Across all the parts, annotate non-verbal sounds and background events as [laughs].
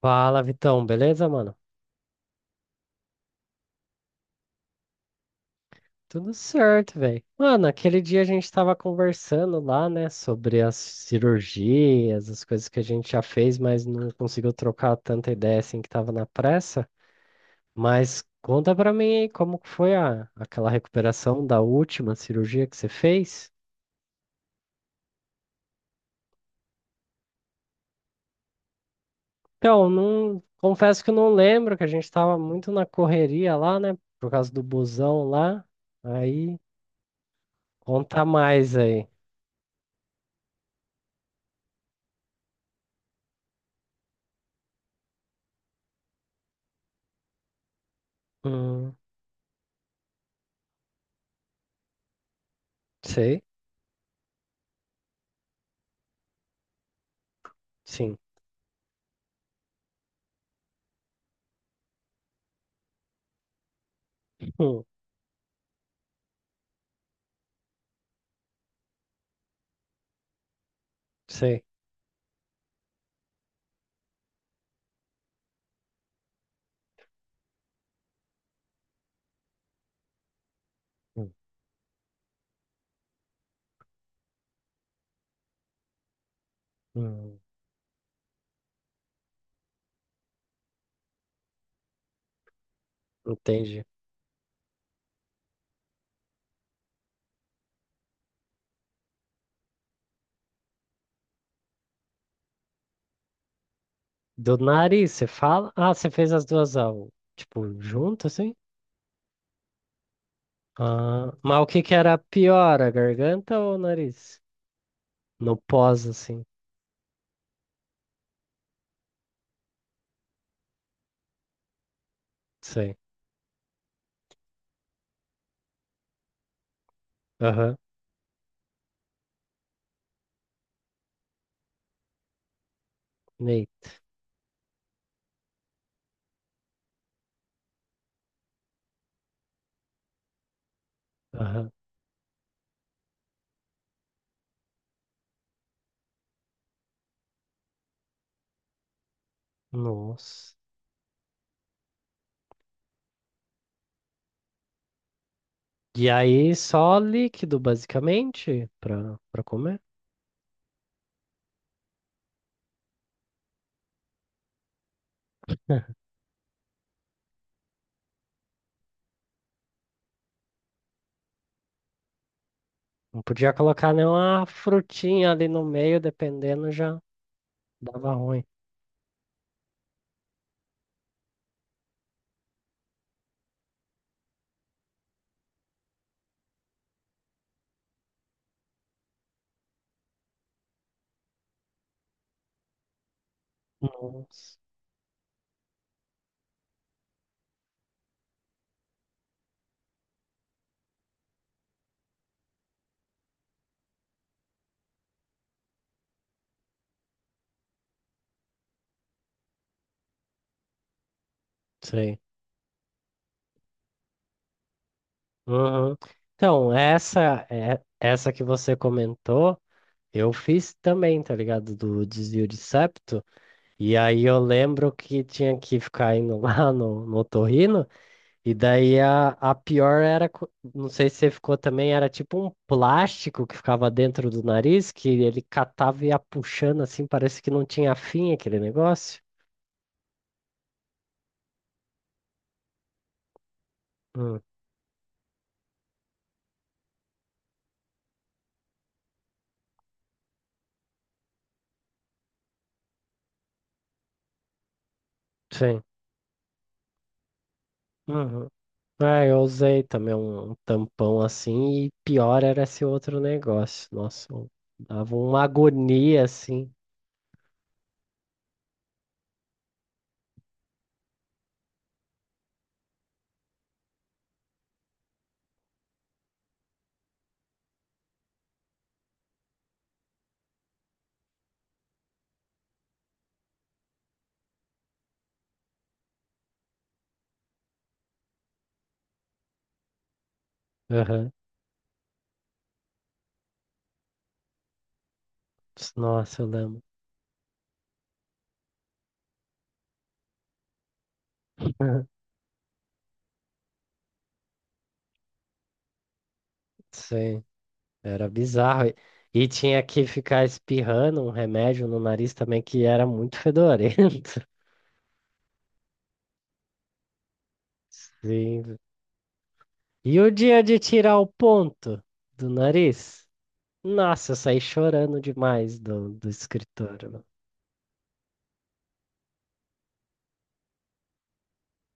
Fala, Vitão, beleza, mano? Tudo certo, velho. Mano, aquele dia a gente tava conversando lá, né, sobre as cirurgias, as coisas que a gente já fez, mas não conseguiu trocar tanta ideia assim que tava na pressa. Mas conta pra mim aí como que foi aquela recuperação da última cirurgia que você fez? Então, não, confesso que eu não lembro, que a gente tava muito na correria lá, né, por causa do busão lá. Aí, conta mais aí. Hum, sei, sim. [laughs] Sei. Hum, hum, entendi. Do nariz, você fala? Ah, você fez as duas tipo, junto, assim? Ah, mas o que que era pior, a garganta ou o nariz? No pós, assim. Sei. Aham. Neito. Aham. Nossa. E aí, só líquido, basicamente, pra comer? [laughs] É. Não podia colocar nenhuma frutinha ali no meio, dependendo, já dava ruim. Nossa. Sei. Uhum. Então, essa é essa que você comentou, eu fiz também, tá ligado? Do desvio de septo. E aí eu lembro que tinha que ficar indo [laughs] lá no otorrino, e daí a pior era, não sei se você ficou também, era tipo um plástico que ficava dentro do nariz, que ele catava e ia puxando assim, parece que não tinha fim aquele negócio. Hum, sim. É, eu usei também um, tampão assim, e pior era esse outro negócio. Nossa, dava uma agonia assim. Aham. Nossa, eu lembro. [laughs] Sim, era bizarro. e tinha que ficar espirrando um remédio no nariz também que era muito fedorento. [laughs] Sim, vé. E o dia de tirar o ponto do nariz? Nossa, eu saí chorando demais do escritório.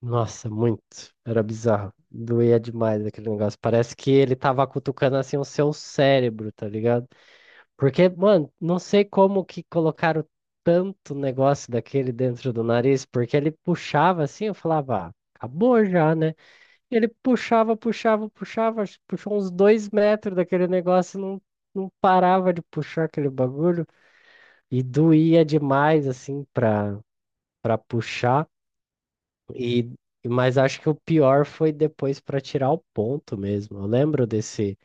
Nossa, muito. Era bizarro. Doía demais aquele negócio. Parece que ele tava cutucando assim o seu cérebro, tá ligado? Porque, mano, não sei como que colocaram tanto negócio daquele dentro do nariz, porque ele puxava assim, eu falava, ah, acabou já, né? Ele puxava, puxava, puxava, acho que puxou uns 2 metros daquele negócio, e não, não parava de puxar aquele bagulho. E doía demais, assim, pra puxar. E, mas acho que o pior foi depois para tirar o ponto mesmo. Eu lembro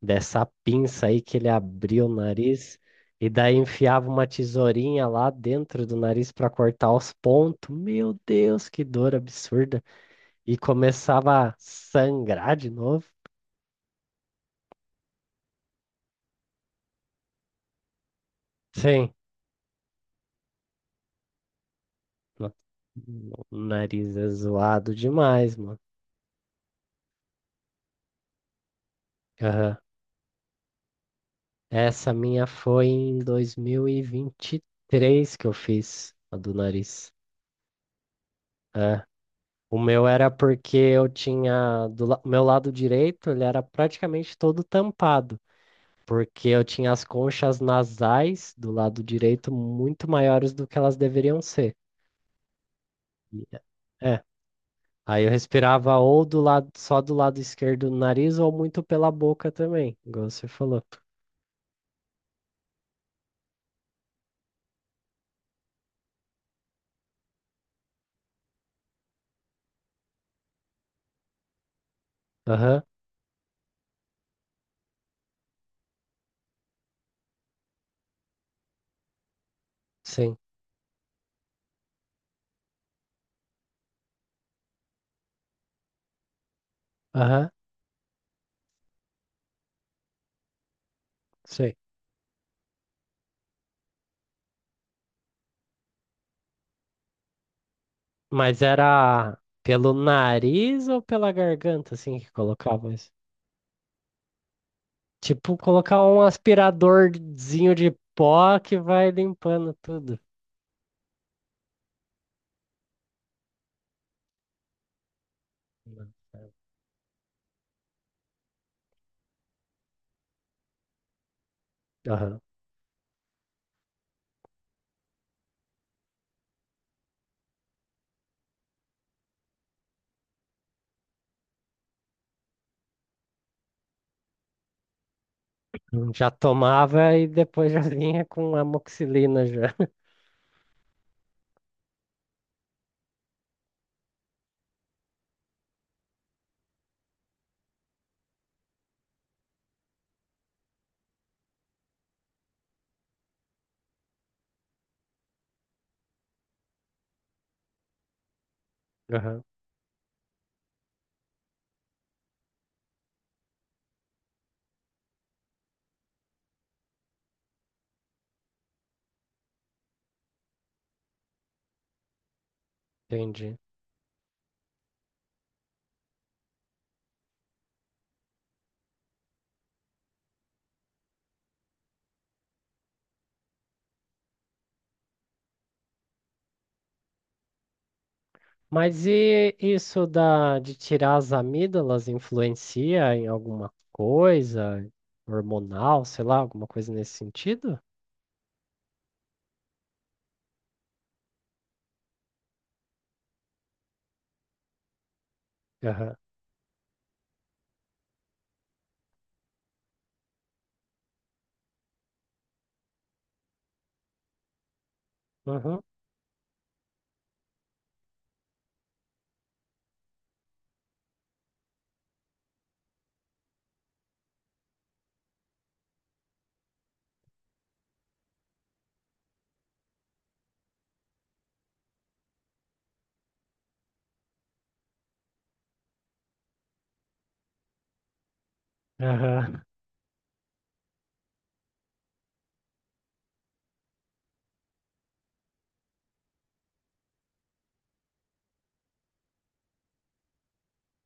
dessa pinça aí que ele abriu o nariz e daí enfiava uma tesourinha lá dentro do nariz para cortar os pontos. Meu Deus, que dor absurda! E começava a sangrar de novo. Sim, no- o nariz é zoado demais, mano. Aham. Essa minha foi em dois mil e vinte e três que eu fiz, a do nariz. O meu era porque eu tinha o meu lado direito, ele era praticamente todo tampado, porque eu tinha as conchas nasais do lado direito muito maiores do que elas deveriam ser. E- É, aí eu respirava ou do lado só do lado esquerdo do nariz ou muito pela boca também, igual você falou. Aham, sim. Aham, sei. Mas era pelo nariz ou pela garganta assim que colocava isso? Tipo, colocar um aspiradorzinho de pó que vai limpando tudo. Aham. Já tomava e depois já [laughs] vinha com amoxicilina já. Aham, entendi. Mas e isso da, de tirar as amígdalas influencia em alguma coisa hormonal, sei lá, alguma coisa nesse sentido? Aham, uhum, aham.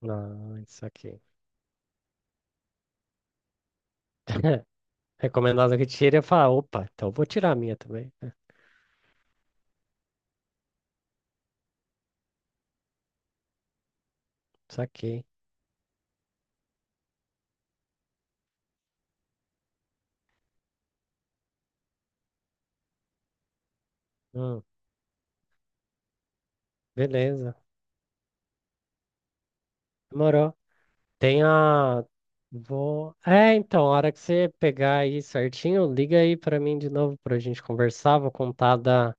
Não, isso aqui. [laughs] Recomendado que tire, eu falo, opa, então eu vou tirar a minha também. Saquei. Hum. Beleza. Demorou. Tem a. Vou. É, então, a hora que você pegar aí certinho, liga aí pra mim de novo pra gente conversar. Vou contar da,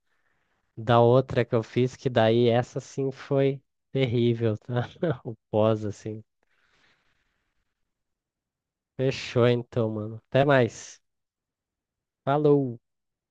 da outra que eu fiz, que daí essa sim foi terrível, tá? [laughs] O pós, assim. Fechou então, mano. Até mais. Falou!